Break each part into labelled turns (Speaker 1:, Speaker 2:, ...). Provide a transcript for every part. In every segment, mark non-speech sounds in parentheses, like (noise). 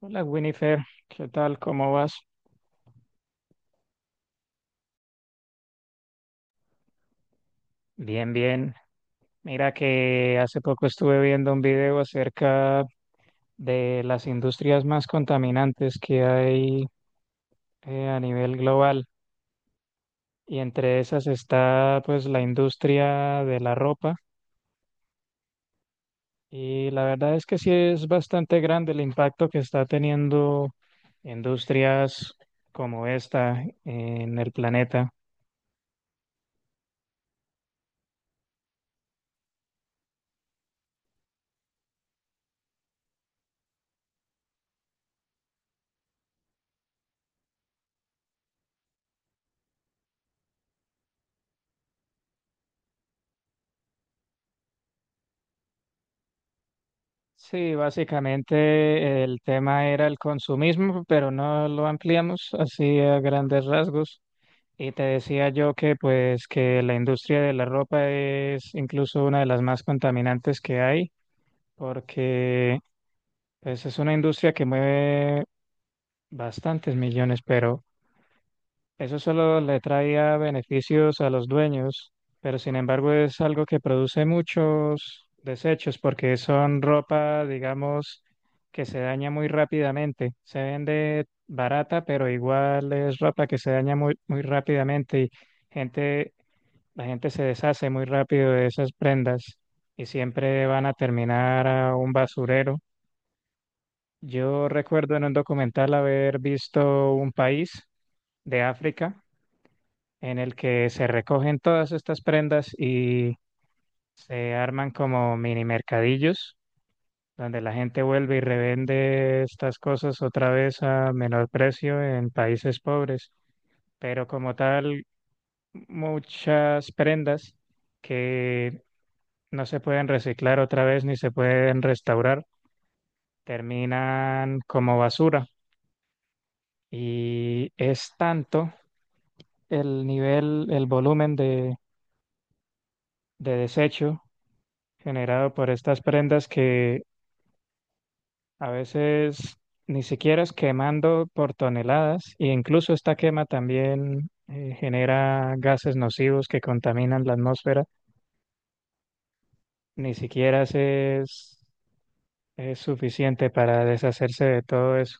Speaker 1: Hola Winifred, ¿qué tal? ¿Cómo vas? Bien, bien. Mira que hace poco estuve viendo un video acerca de las industrias más contaminantes que hay a nivel global y entre esas está pues la industria de la ropa y la verdad es que sí es bastante grande el impacto que está teniendo industrias como esta en el planeta. Sí, básicamente el tema era el consumismo, pero no lo ampliamos así a grandes rasgos. Y te decía yo que pues que la industria de la ropa es incluso una de las más contaminantes que hay, porque pues, es una industria que mueve bastantes millones, pero eso solo le traía beneficios a los dueños, pero sin embargo es algo que produce muchos desechos porque son ropa, digamos, que se daña muy rápidamente. Se vende barata, pero igual es ropa que se daña muy, muy rápidamente y gente, la gente se deshace muy rápido de esas prendas y siempre van a terminar a un basurero. Yo recuerdo en un documental haber visto un país de África en el que se recogen todas estas prendas y se arman como mini mercadillos, donde la gente vuelve y revende estas cosas otra vez a menor precio en países pobres. Pero como tal, muchas prendas que no se pueden reciclar otra vez ni se pueden restaurar, terminan como basura. Y es tanto el nivel, el volumen de desecho generado por estas prendas que a veces ni siquiera es quemando por toneladas e incluso esta quema también genera gases nocivos que contaminan la atmósfera, ni siquiera es suficiente para deshacerse de todo eso.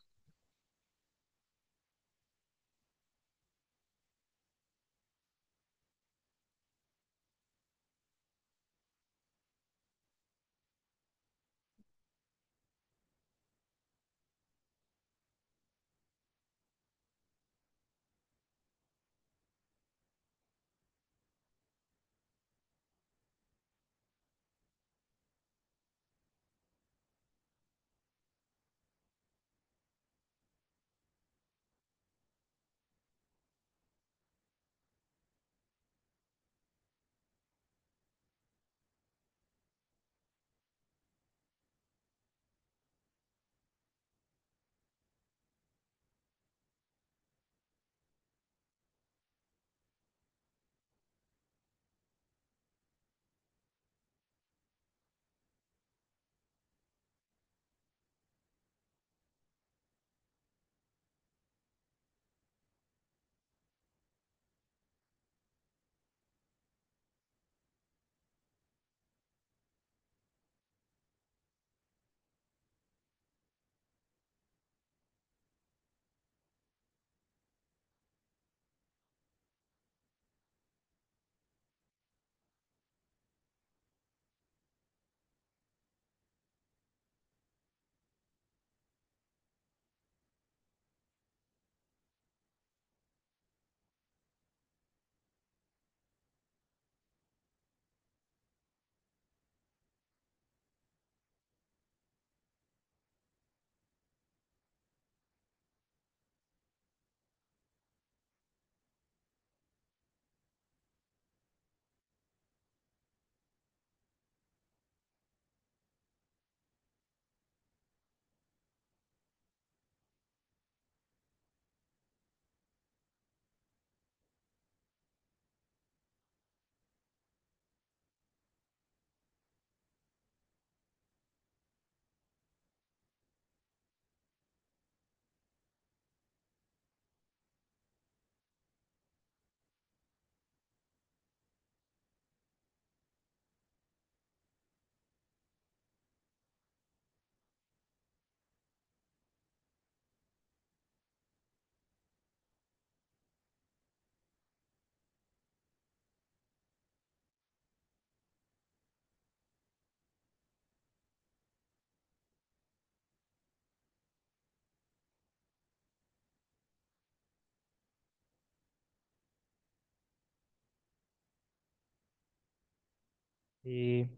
Speaker 1: Y,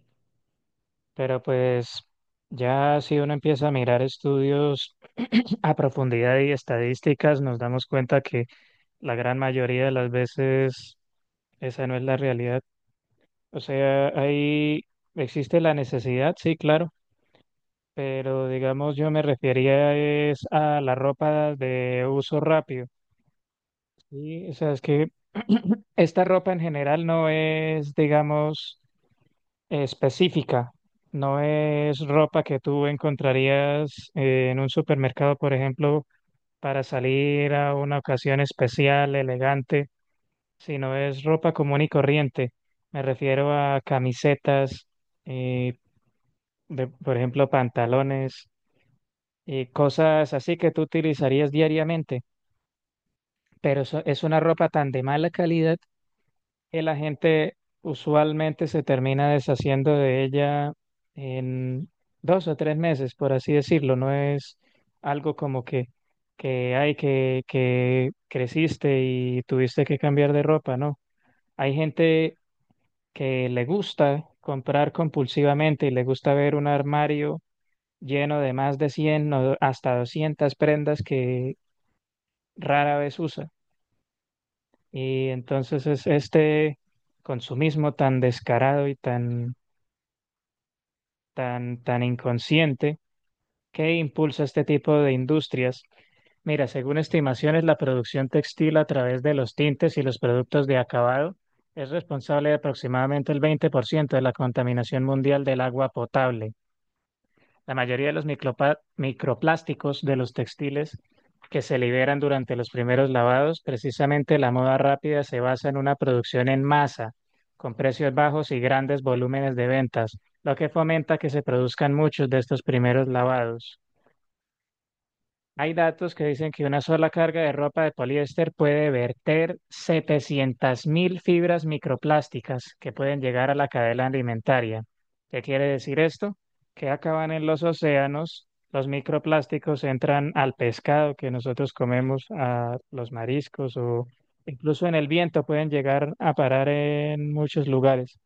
Speaker 1: pero pues ya si uno empieza a mirar estudios (clears throat) a profundidad y estadísticas, nos damos cuenta que la gran mayoría de las veces esa no es la realidad. O sea, ahí existe la necesidad, sí, claro, pero digamos yo me refería es a la ropa de uso rápido, ¿sí? O sea, es que (clears throat) esta ropa en general no es, digamos, específica, no es ropa que tú encontrarías en un supermercado, por ejemplo, para salir a una ocasión especial, elegante, sino es ropa común y corriente. Me refiero a camisetas eh, por ejemplo, pantalones y cosas así que tú utilizarías diariamente, pero es una ropa tan de mala calidad que la gente usualmente se termina deshaciendo de ella en 2 o 3 meses, por así decirlo. No es algo como que creciste y tuviste que cambiar de ropa, ¿no? Hay gente que le gusta comprar compulsivamente y le gusta ver un armario lleno de más de 100 o hasta 200 prendas que rara vez usa. Y entonces es este consumismo tan descarado y tan inconsciente que impulsa este tipo de industrias. Mira, según estimaciones, la producción textil a través de los tintes y los productos de acabado es responsable de aproximadamente el 20% de la contaminación mundial del agua potable. La mayoría de los microplásticos de los textiles que se liberan durante los primeros lavados, precisamente la moda rápida se basa en una producción en masa, con precios bajos y grandes volúmenes de ventas, lo que fomenta que se produzcan muchos de estos primeros lavados. Hay datos que dicen que una sola carga de ropa de poliéster puede verter 700.000 fibras microplásticas que pueden llegar a la cadena alimentaria. ¿Qué quiere decir esto? Que acaban en los océanos, los microplásticos entran al pescado que nosotros comemos, a los mariscos o incluso en el viento pueden llegar a parar en muchos lugares.